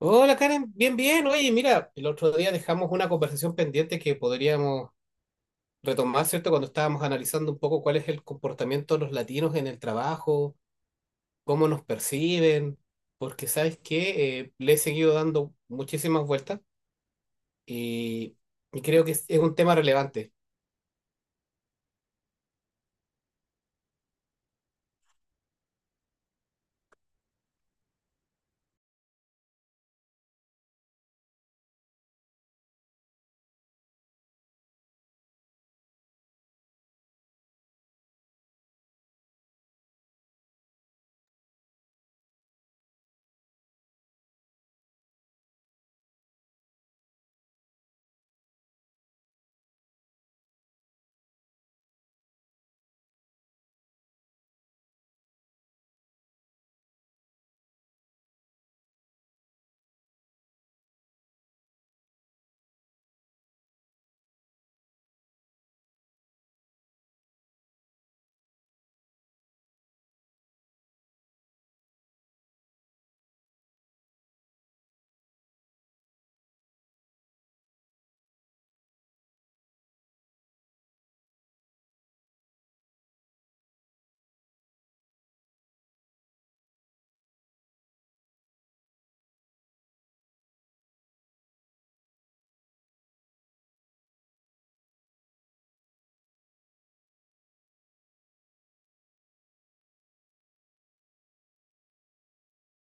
Hola Karen, bien, bien. Oye, mira, el otro día dejamos una conversación pendiente que podríamos retomar, ¿cierto? Cuando estábamos analizando un poco cuál es el comportamiento de los latinos en el trabajo, cómo nos perciben, porque sabes que le he seguido dando muchísimas vueltas y, y creo que es un tema relevante.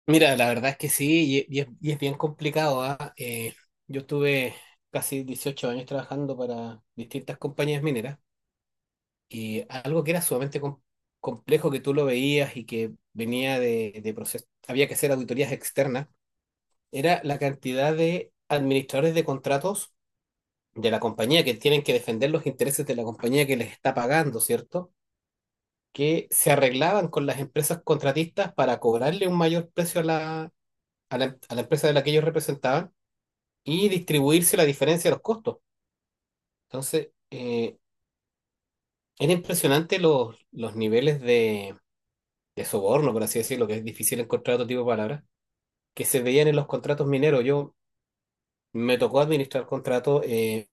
Mira, la verdad es que sí, y es bien complicado, ¿ah? Yo estuve casi 18 años trabajando para distintas compañías mineras. Y algo que era sumamente complejo que tú lo veías y que venía de proceso, había que hacer auditorías externas, era la cantidad de administradores de contratos de la compañía que tienen que defender los intereses de la compañía que les está pagando, ¿cierto? Que se arreglaban con las empresas contratistas para cobrarle un mayor precio a la empresa de la que ellos representaban y distribuirse la diferencia de los costos. Entonces, era impresionante los niveles de soborno, por así decirlo, que es difícil encontrar otro tipo de palabras, que se veían en los contratos mineros. Yo me tocó administrar contratos. eh,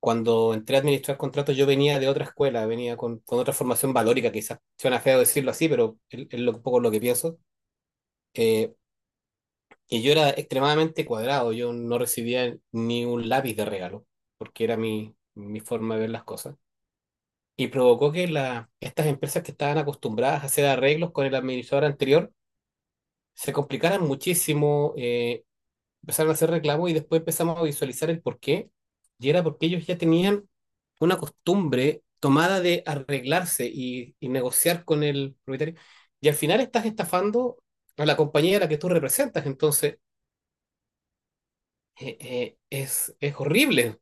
cuando entré a administrar contratos, yo venía de otra escuela, venía con otra formación valórica, quizás suena feo decirlo así, pero es un poco lo que pienso. Eh, y yo era extremadamente cuadrado, yo no recibía ni un lápiz de regalo, porque era mi forma de ver las cosas. Y provocó que estas empresas que estaban acostumbradas a hacer arreglos con el administrador anterior, se complicaran muchísimo, empezaron a hacer reclamos y después empezamos a visualizar el por qué. Y era porque ellos ya tenían una costumbre tomada de arreglarse y negociar con el propietario. Y al final estás estafando a la compañía a la que tú representas. Entonces, es horrible.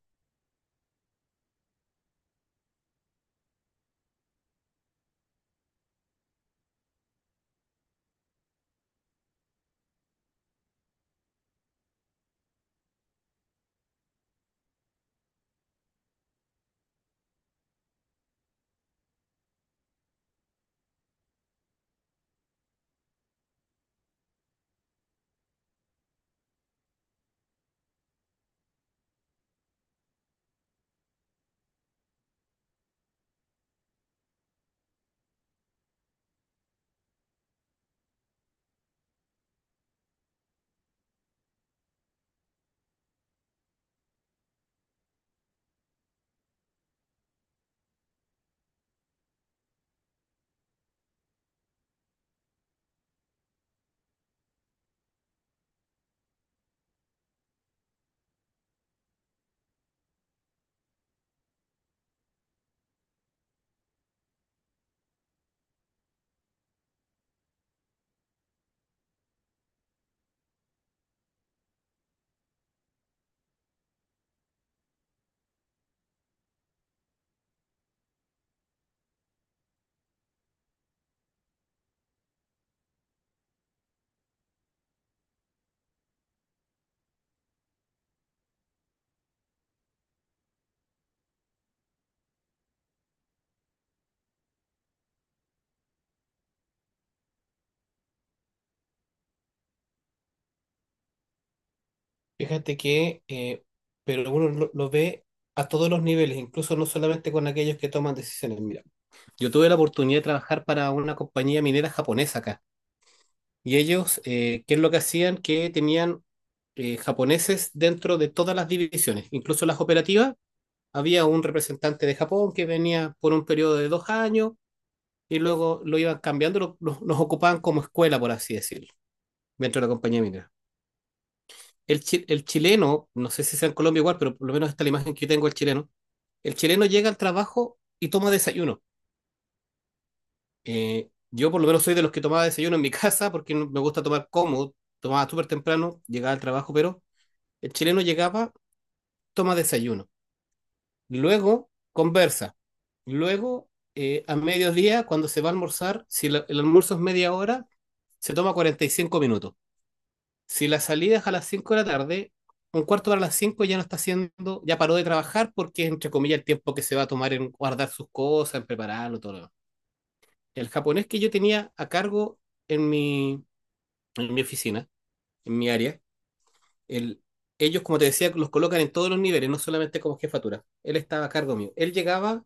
Fíjate que, pero uno lo ve a todos los niveles, incluso no solamente con aquellos que toman decisiones. Mira, yo tuve la oportunidad de trabajar para una compañía minera japonesa acá. Y ellos, ¿qué es lo que hacían? Que tenían japoneses dentro de todas las divisiones, incluso las operativas. Había un representante de Japón que venía por un periodo de 2 años y luego lo iban cambiando, los ocupaban como escuela, por así decirlo, dentro de la compañía minera. El chileno, no sé si sea en Colombia igual, pero por lo menos esta es la imagen que yo tengo del chileno. El chileno llega al trabajo y toma desayuno. Yo por lo menos soy de los que tomaba desayuno en mi casa porque me gusta tomar cómodo. Tomaba súper temprano, llegaba al trabajo, pero el chileno llegaba, toma desayuno, luego conversa, luego a mediodía, cuando se va a almorzar, si el almuerzo es media hora, se toma 45 minutos. Si la salida es a las 5 de la tarde, un cuarto para las 5 ya no está haciendo, ya paró de trabajar porque es entre comillas el tiempo que se va a tomar en guardar sus cosas, en prepararlo, todo lo demás. El japonés que yo tenía a cargo en mi, en mi oficina, en mi área, el, ellos, como te decía, los colocan en todos los niveles, no solamente como jefatura. Él estaba a cargo mío. Él llegaba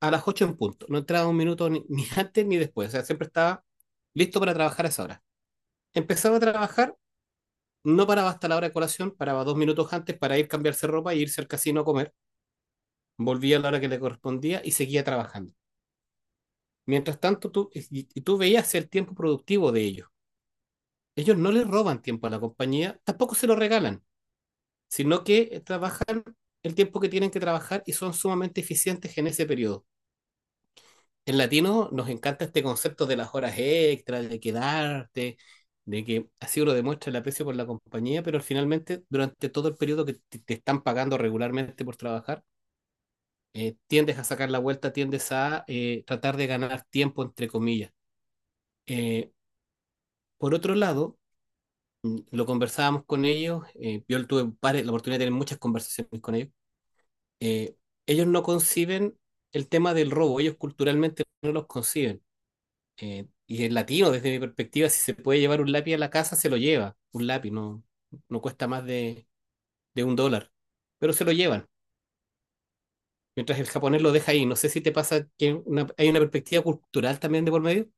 a las 8 en punto, no entraba un minuto ni antes ni después, o sea, siempre estaba listo para trabajar a esa hora. Empezaba a trabajar, no paraba hasta la hora de colación, paraba 2 minutos antes para ir cambiarse ropa y e irse al casino a comer, volvía a la hora que le correspondía y seguía trabajando. Mientras tanto, y tú veías el tiempo productivo de ellos. Ellos no le roban tiempo a la compañía, tampoco se lo regalan, sino que trabajan el tiempo que tienen que trabajar y son sumamente eficientes en ese periodo. En latino nos encanta este concepto de las horas extras, de quedarte, de que así uno demuestra el aprecio por la compañía, pero finalmente durante todo el periodo que te están pagando regularmente por trabajar, tiendes a sacar la vuelta, tiendes a tratar de ganar tiempo, entre comillas. Eh, por otro lado, lo conversábamos con ellos, yo tuve la oportunidad de tener muchas conversaciones con ellos, eh, ellos no conciben el tema del robo, ellos culturalmente no los conciben. Y el latino, desde mi perspectiva, si se puede llevar un lápiz a la casa, se lo lleva. Un lápiz no cuesta más de $1, pero se lo llevan. Mientras el japonés lo deja ahí. No sé si te pasa que hay una perspectiva cultural también de por medio.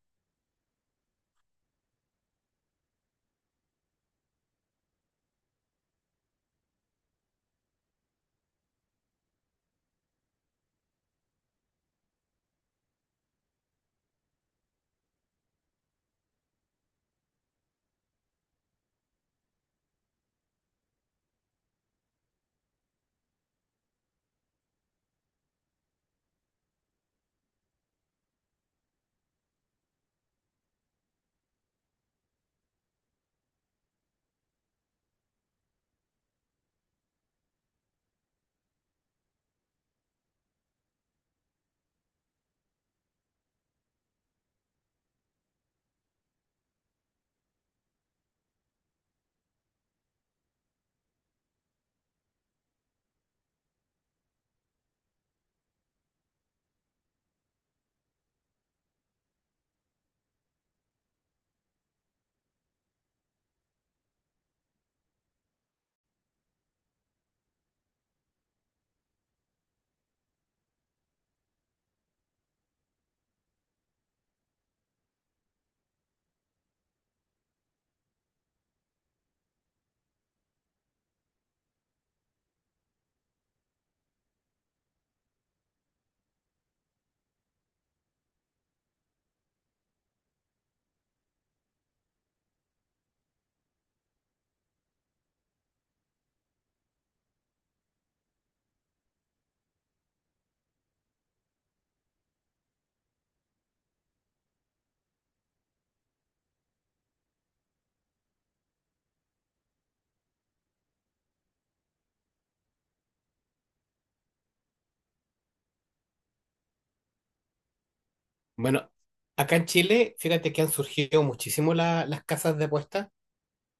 Bueno, acá en Chile, fíjate que han surgido muchísimo las casas de apuestas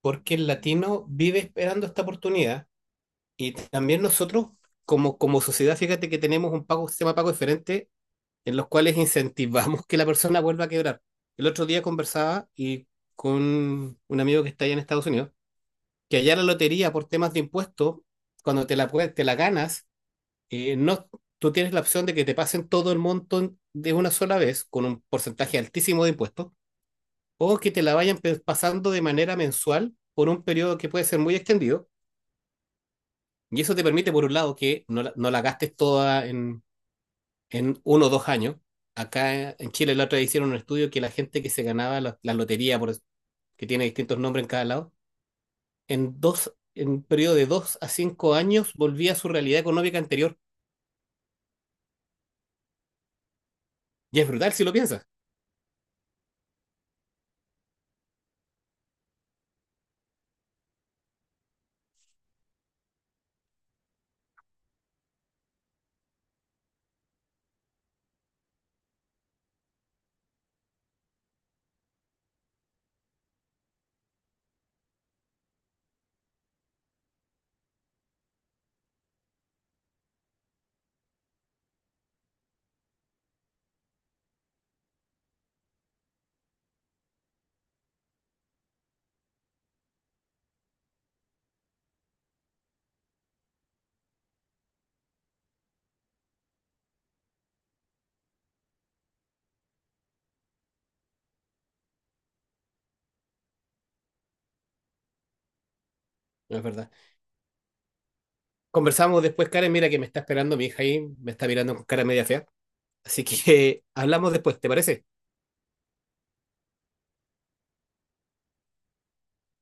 porque el latino vive esperando esta oportunidad. Y también nosotros, como sociedad, fíjate que tenemos un pago, un sistema de pago diferente en los cuales incentivamos que la persona vuelva a quebrar. El otro día conversaba y con un amigo que está allá en Estados Unidos, que allá la lotería por temas de impuestos, cuando te la ganas, no, tú tienes la opción de que te pasen todo el monto de una sola vez con un porcentaje altísimo de impuestos, o que te la vayan pasando de manera mensual por un periodo que puede ser muy extendido. Y eso te permite, por un lado, que no la gastes toda en 1 o 2 años. Acá en Chile la otra vez hicieron un estudio que la gente que se ganaba la lotería, que tiene distintos nombres en cada lado, en un periodo de 2 a 5 años volvía a su realidad económica anterior. Y es brutal si lo piensas, ¿no es verdad? Conversamos después, Karen, mira que me está esperando mi hija ahí, me está mirando con cara media fea. Así que hablamos después, ¿te parece?